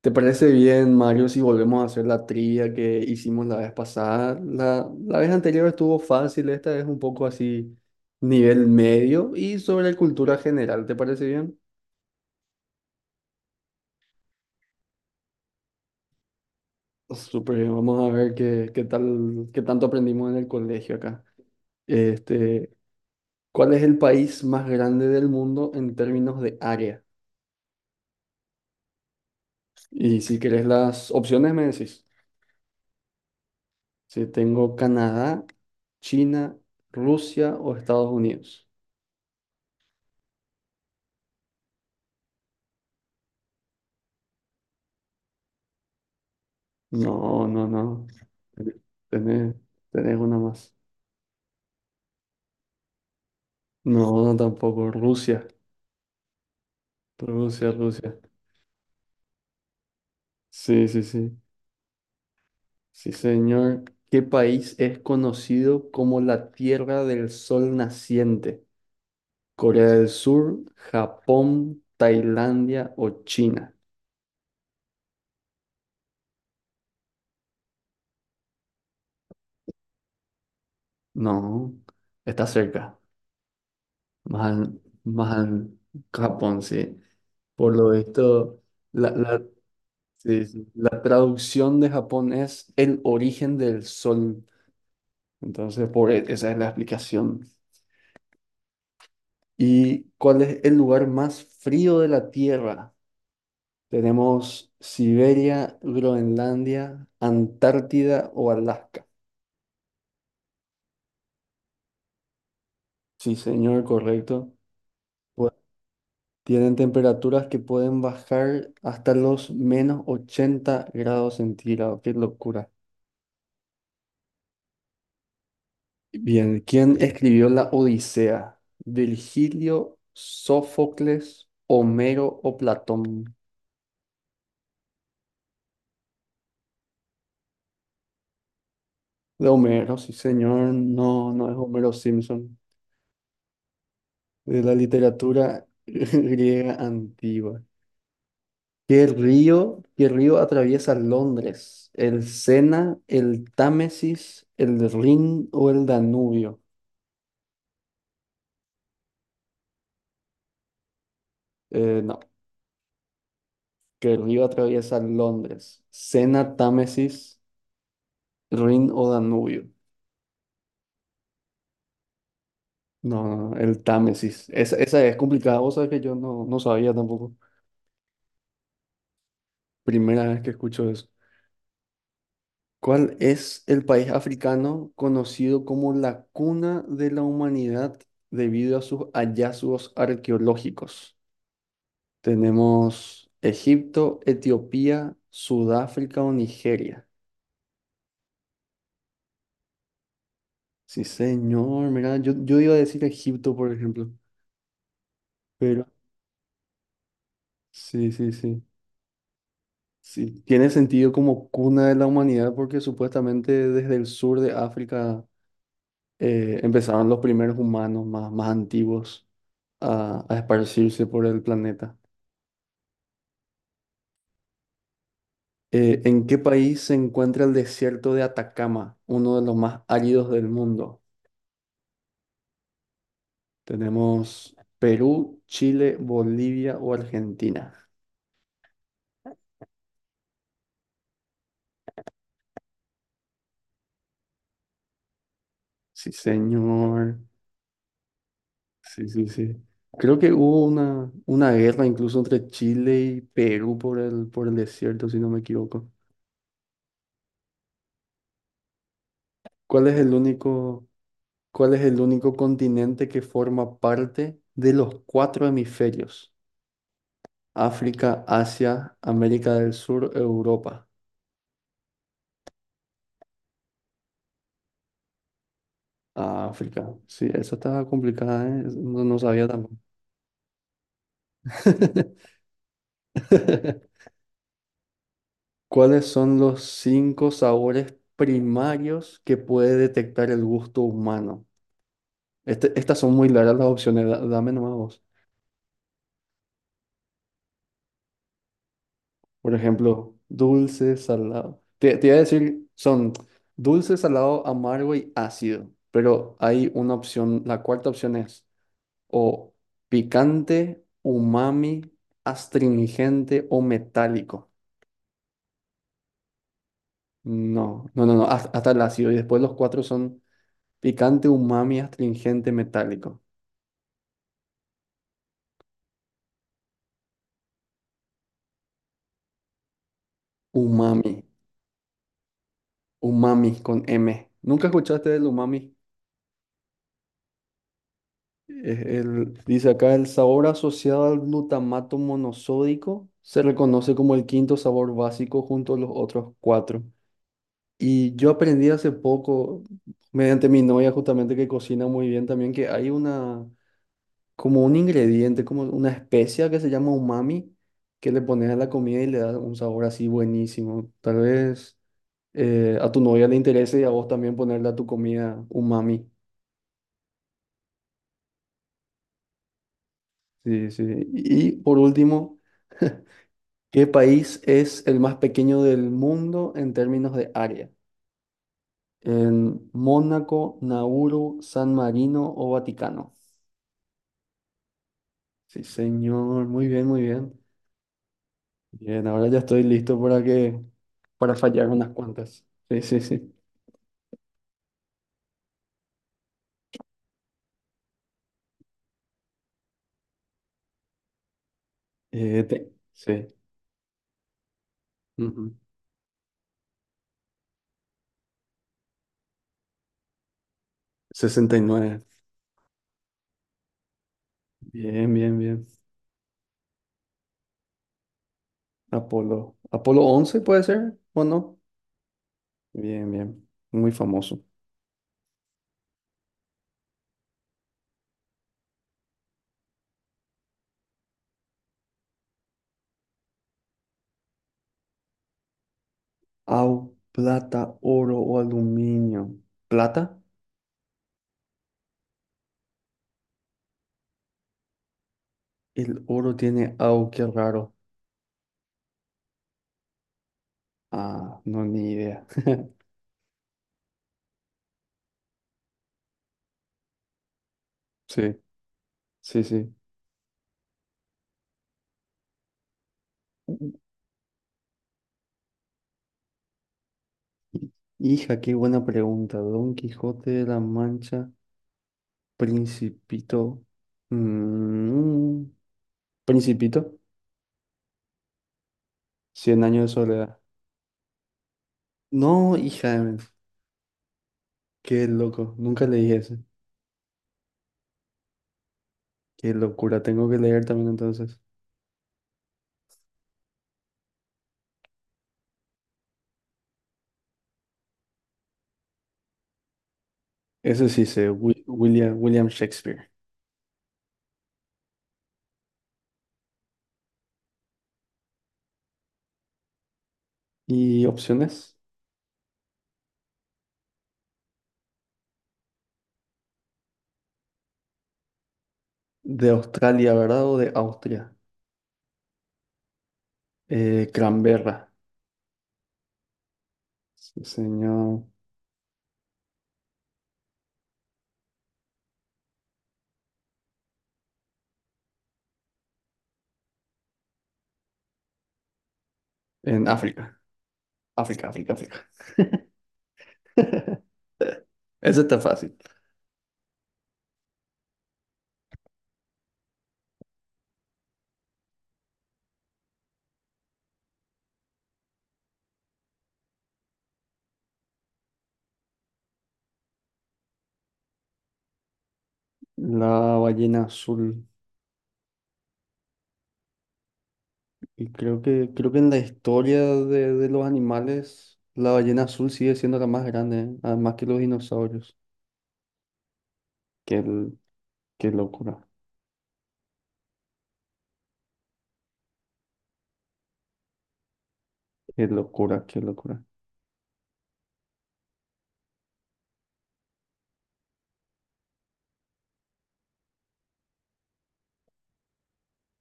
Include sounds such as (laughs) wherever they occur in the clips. ¿Te parece bien, Mario, si volvemos a hacer la trivia que hicimos la vez pasada? La vez anterior estuvo fácil, esta es un poco así, nivel medio y sobre cultura general, ¿te parece bien? Súper bien, vamos a ver qué tal, qué tanto aprendimos en el colegio acá. Este, ¿Cuál es el país más grande del mundo en términos de área? Y si querés las opciones me decís, si tengo Canadá, China, Rusia o Estados Unidos. No, no, no. Tenés, tenés una más. No, no tampoco. Rusia. Rusia, Rusia. Sí, sí, sí. Sí, señor. ¿Qué país es conocido como la Tierra del Sol Naciente? ¿Corea del Sur, Japón, Tailandia o China? No, está cerca. Más al Japón, sí. Por lo visto, la, la- sí, sí. La traducción de Japón es el origen del sol. Entonces, esa es la explicación. ¿Y cuál es el lugar más frío de la Tierra? Tenemos Siberia, Groenlandia, Antártida o Alaska. Sí, señor, correcto. Pu- Tienen temperaturas que pueden bajar hasta los menos 80 grados centígrados. Qué locura. Bien, ¿quién escribió la Odisea? ¿Virgilio, Sófocles, Homero o Platón? De Homero, sí señor, no, no es Homero Simpson, de la literatura (laughs) griega antigua. ¿Qué río atraviesa Londres? ¿El Sena, el Támesis, el Rin o el Danubio? No, ¿qué río atraviesa Londres? ¿Sena, Támesis, Rin o Danubio? No, el Támesis. Esa es complicada, vos sabés que yo no, no sabía tampoco. Primera vez que escucho eso. ¿Cuál es el país africano conocido como la cuna de la humanidad debido a sus hallazgos arqueológicos? Tenemos Egipto, Etiopía, Sudáfrica o Nigeria. Sí, señor, mira, yo iba a decir Egipto, por ejemplo, pero sí, sí, sí. Sí, tiene sentido como cuna de la humanidad porque supuestamente desde el sur de África empezaron los primeros humanos más antiguos a esparcirse por el planeta. ¿En qué país se encuentra el desierto de Atacama, uno de los más áridos del mundo? Tenemos Perú, Chile, Bolivia o Argentina. Sí, señor. Sí, sí, sí. Creo que hubo una guerra incluso entre Chile y Perú por el desierto, si no me equivoco. ¿Cuál es el único, ¿cuál es el único continente que forma parte de los cuatro hemisferios? África, Asia, América del Sur, Europa. Ah, África. Sí, esa estaba complicada, ¿eh? No, no sabía tampoco. (laughs) ¿Cuáles son los cinco sabores primarios que puede detectar el gusto humano? Estas son muy largas las opciones, dame nomás vos. Por ejemplo, dulce, salado. Te iba a decir, son dulce, salado, amargo y ácido. Pero hay una opción, la cuarta opción es o picante, umami, astringente o metálico. No, no, no, no, hasta, el ácido. Y después los cuatro son picante, umami, astringente, metálico. Umami, umami con M. ¿Nunca escuchaste del umami? Dice acá, el sabor asociado al glutamato monosódico se reconoce como el quinto sabor básico junto a los otros cuatro. Y yo aprendí hace poco, mediante mi novia justamente que cocina muy bien también, que hay una, como un ingrediente, como una especia que se llama umami, que le pones a la comida y le da un sabor así buenísimo. Tal vez a tu novia le interese y a vos también ponerle a tu comida umami. Sí, sí. Y por último... ¿Qué país es el más pequeño del mundo en términos de área? En Mónaco, Nauru, San Marino o Vaticano. Sí, señor, muy bien, muy bien. Bien, ahora ya estoy listo para fallar unas cuantas. Sí, sí, sí. Sí. Ujú. 69. Bien, bien, bien. Apolo. Apolo 11 puede ser, ¿o no? Bien, bien. Muy famoso. Au, plata, oro o aluminio. ¿Plata? El oro tiene au, qué raro. Ah, no, ni idea. (laughs) Sí, sí, sí. Hija, qué buena pregunta. Don Quijote de la Mancha, Principito. Mm, Principito, Cien años de soledad. No, hija, qué loco. Nunca leí ese. Qué locura. Tengo que leer también entonces. Ese sí sé, William, William Shakespeare. ¿Y opciones? De Australia, ¿verdad? O de Austria. Canberra. Sí, señor. En África. África, África, África. (laughs) Eso está fácil. La ballena azul. Y creo que en la historia de los animales, la ballena azul sigue siendo la más grande, ¿eh? Además que los dinosaurios. Qué, l- qué locura, qué locura, qué locura.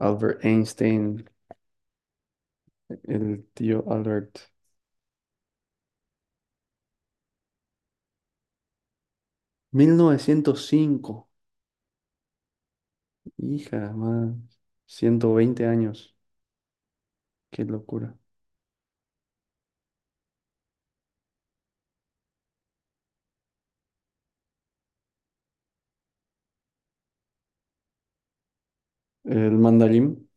Albert Einstein, el tío Albert. 1905. Hija, más 120 años. Qué locura. El mandarín.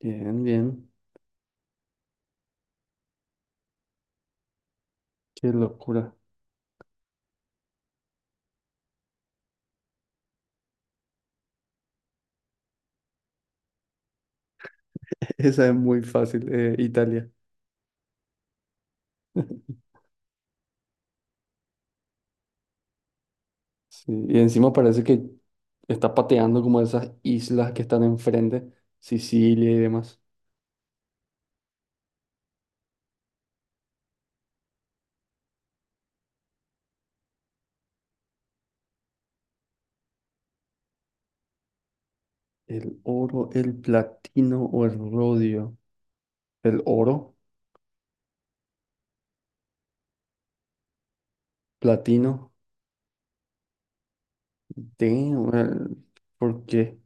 Bien, bien. Qué locura. Esa es muy fácil, Italia. (laughs) Sí, y encima parece que está pateando como esas islas que están enfrente, Sicilia y demás. El oro, el platino o el rodio. El oro, platino, damn, ¿por qué?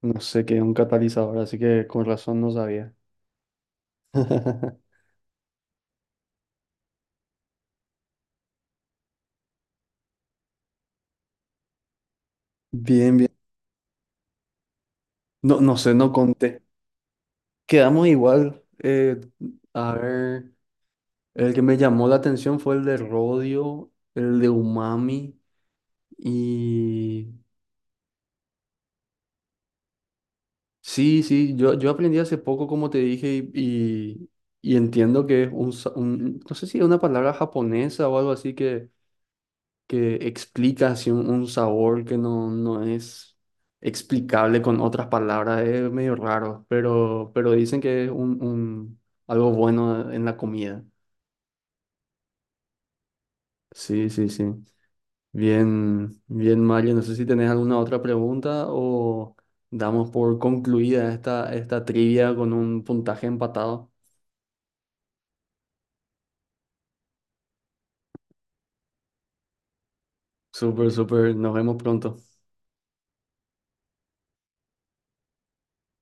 No sé qué es un catalizador, así que con razón no sabía. (laughs) Bien, bien. No, no sé, no conté. Quedamos igual. A ver. El que me llamó la atención fue el de Rodio, el de Umami y... Sí, sí, yo aprendí hace poco, como te dije, y entiendo que es un, no sé si es una palabra japonesa o algo así que explica así un sabor que no, no es explicable con otras palabras, es medio raro, pero dicen que es algo bueno en la comida. Sí, sí, sí. Bien, bien, Mario. No sé si tenés alguna otra pregunta o damos por concluida esta, esta trivia con un puntaje empatado. Súper, súper. Nos vemos pronto.